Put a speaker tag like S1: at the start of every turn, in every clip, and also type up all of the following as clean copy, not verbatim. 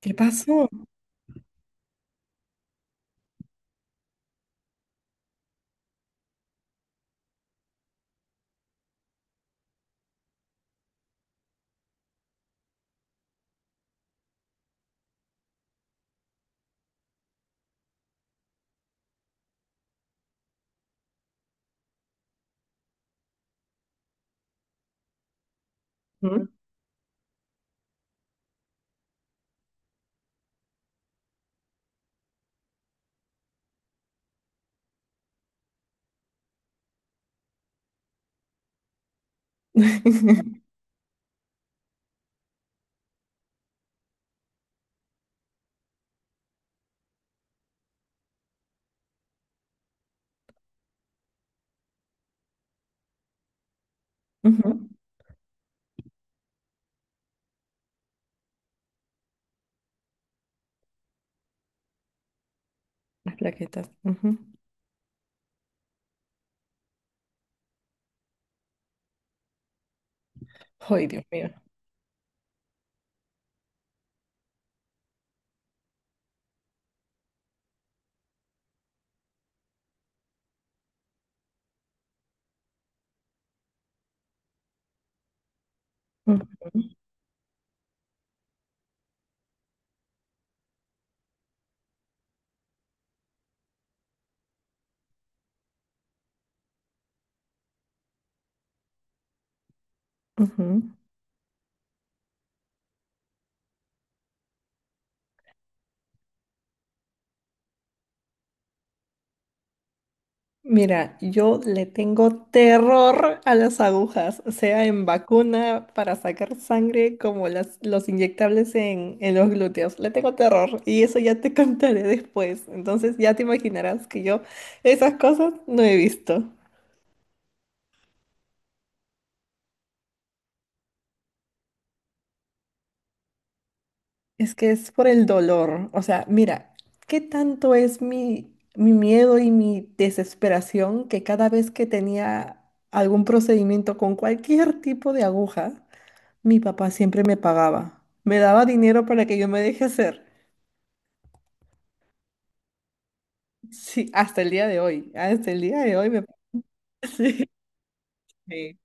S1: ¿Qué pasó? Ujú. Las plaquetas. Ujú. Ay, Dios mío. Ujú, ujú. Mira, yo le tengo terror a las agujas, sea en vacuna para sacar sangre como los inyectables en los glúteos. Le tengo terror y eso ya te contaré después. Entonces ya te imaginarás que yo esas cosas no he visto. Es que es por el dolor. O sea, mira, ¿qué tanto es mi miedo y mi desesperación que cada vez que tenía algún procedimiento con cualquier tipo de aguja? Mi papá siempre me pagaba, me daba dinero para que yo me deje hacer. Sí, hasta el día de hoy, hasta el día de hoy me... Sí. Sí.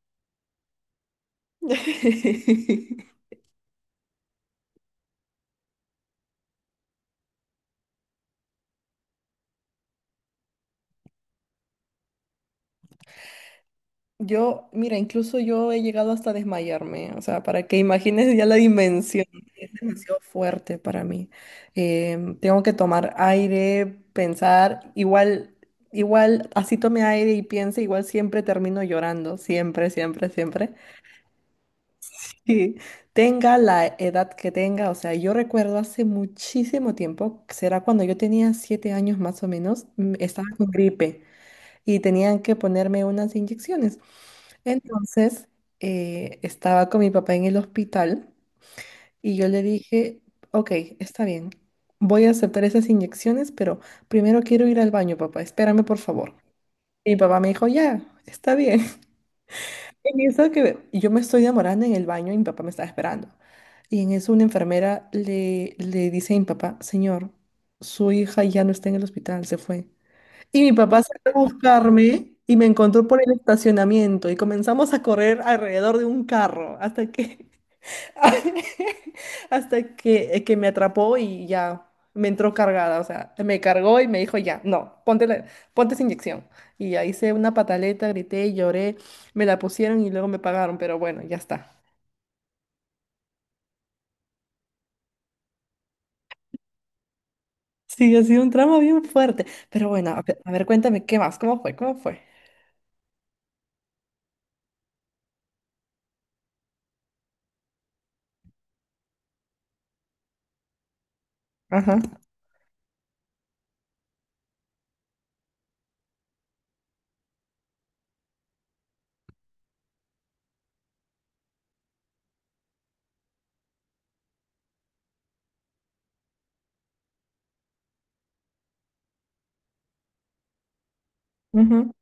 S1: Yo, mira, incluso yo he llegado hasta desmayarme, o sea, para que imagines ya la dimensión, es demasiado fuerte para mí. Tengo que tomar aire, pensar, igual, así tome aire y piense, igual siempre termino llorando, siempre, siempre, siempre. Sí, tenga la edad que tenga, o sea, yo recuerdo hace muchísimo tiempo, será cuando yo tenía 7 años más o menos, estaba con gripe y tenían que ponerme unas inyecciones. Entonces, estaba con mi papá en el hospital y yo le dije, ok, está bien, voy a aceptar esas inyecciones, pero primero quiero ir al baño, papá, espérame por favor. Y mi papá me dijo, ya, está bien. En eso que yo me estoy demorando en el baño y mi papá me estaba esperando. Y en eso una enfermera le dice a mi papá, señor, su hija ya no está en el hospital, se fue. Y mi papá salió a buscarme y me encontró por el estacionamiento y comenzamos a correr alrededor de un carro hasta que Hasta que me atrapó y ya me entró cargada, o sea, me cargó y me dijo, ya, no, ponte, ponte esa inyección. Y ya hice una pataleta, grité, lloré, me la pusieron y luego me pagaron, pero bueno, ya está. Sí, ha sido un tramo bien fuerte, pero bueno, a ver, cuéntame, ¿qué más? ¿Cómo fue? ¿Cómo fue? Ajá, ujú,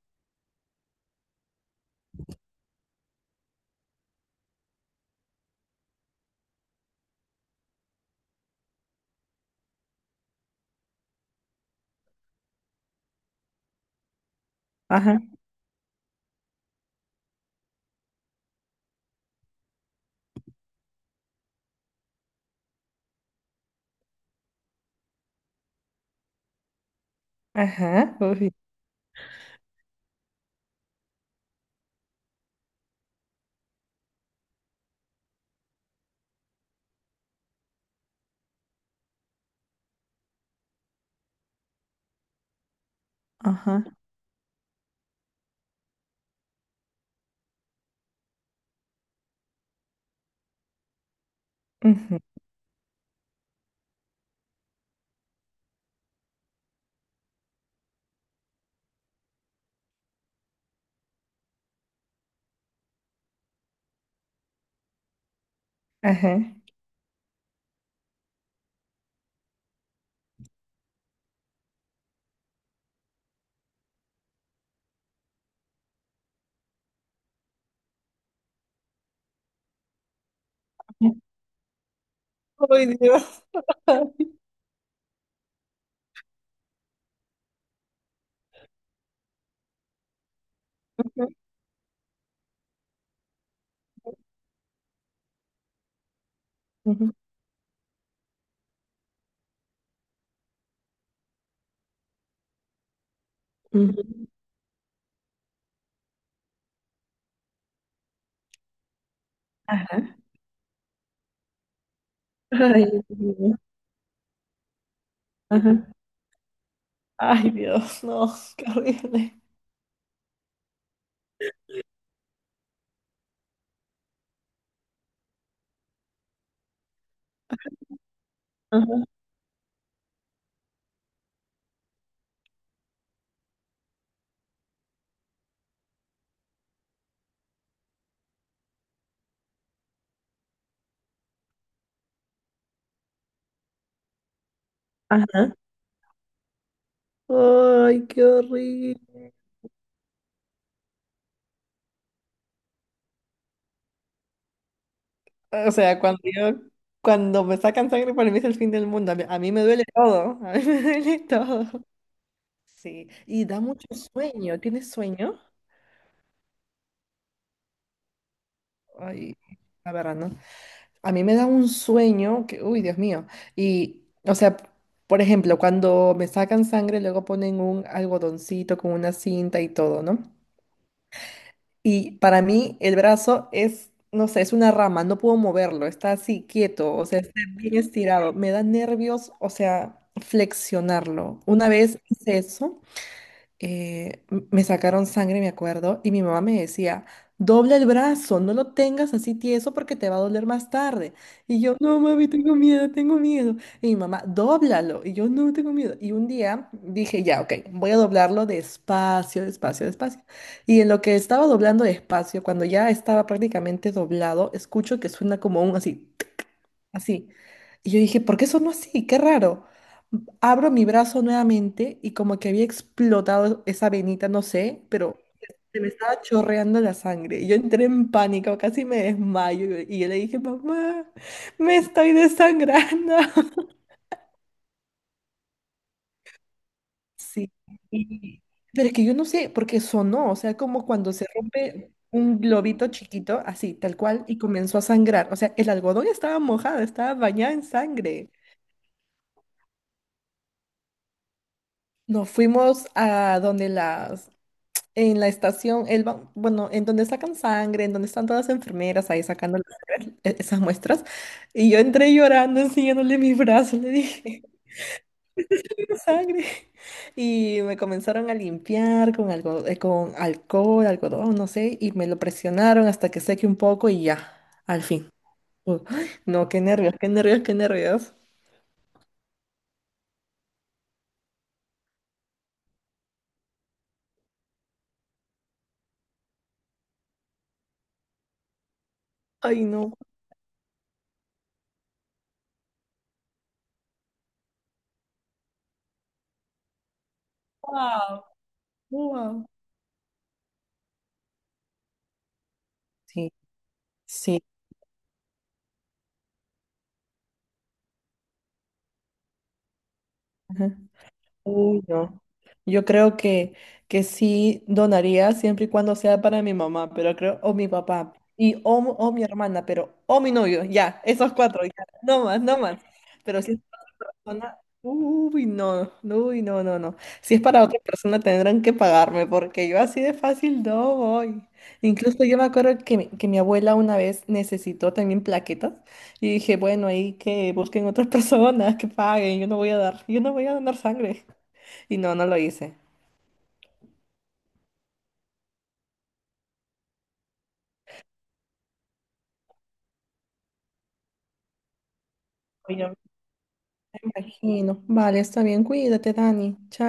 S1: ajá, ajá, uy, ajá, ujú, ajá. Ay, Dios. Ujú, ujú, ujú, ajá. Ay, Dios mío. Ajá. Ay, Dios, no, qué horrible. Ajá, ajá. Ay, qué horrible. O sea, cuando me sacan sangre, para mí es el fin del mundo. A mí me duele todo. A mí me duele todo. Sí, y da mucho sueño. ¿Tienes sueño? Ay, la verdad, ¿no? A mí me da un sueño que, uy, Dios mío. Y, o sea, por ejemplo, cuando me sacan sangre, luego ponen un algodoncito con una cinta y todo, ¿no? Y para mí el brazo es, no sé, es una rama, no puedo moverlo, está así quieto, o sea, está bien estirado. Me da nervios, o sea, flexionarlo. Una vez hice eso, me sacaron sangre, me acuerdo, y mi mamá me decía, dobla el brazo, no lo tengas así tieso porque te va a doler más tarde. Y yo, no, mami, tengo miedo, tengo miedo. Y mi mamá, dóblalo. Y yo, no, tengo miedo. Y un día dije, ya, ok, voy a doblarlo despacio, despacio, despacio. Y en lo que estaba doblando despacio, cuando ya estaba prácticamente doblado, escucho que suena como un así así. Y yo dije, ¿por qué sonó así? Qué raro. Abro mi brazo nuevamente y como que había explotado esa venita, no sé, pero se me estaba chorreando la sangre. Y yo entré en pánico, casi me desmayo. Y yo le dije, mamá, me estoy desangrando. Sí. Y- pero es que yo no sé, porque sonó, o sea, como cuando se rompe un globito chiquito, así, tal cual, y comenzó a sangrar. O sea, el algodón estaba mojado, estaba bañado en sangre. Nos fuimos a donde en la estación, bueno, en donde sacan sangre, en donde están todas las enfermeras ahí sacando las sangre, esas muestras. Y yo entré llorando, enseñándole mis brazos, le dije, "Tengo sangre". Y me comenzaron a limpiar con algo, con alcohol, algodón, no sé, y me lo presionaron hasta que seque un poco y ya, al fin. ¡Ay! No, qué nervios, qué nervios, qué nervios. Ay, no. Wow, wow. Sí, sí. Ajá. Uy, no. Yo creo que, sí donaría siempre y cuando sea para mi mamá, pero creo, o mi papá, o mi hermana, pero, o mi novio, ya, esos cuatro, ya, no más, no más. Pero si es para otra persona, uy, no, no, no. Si es para otra persona tendrán que pagarme, porque yo así de fácil no voy. Incluso yo me acuerdo que, que mi abuela una vez necesitó también plaquetas. Y dije, bueno, ahí que busquen otras personas que paguen, yo no voy a dar, yo no voy a donar sangre. Y no, no lo hice. Ay, yo me imagino. Vale, está bien, cuídate, Dani. Chao.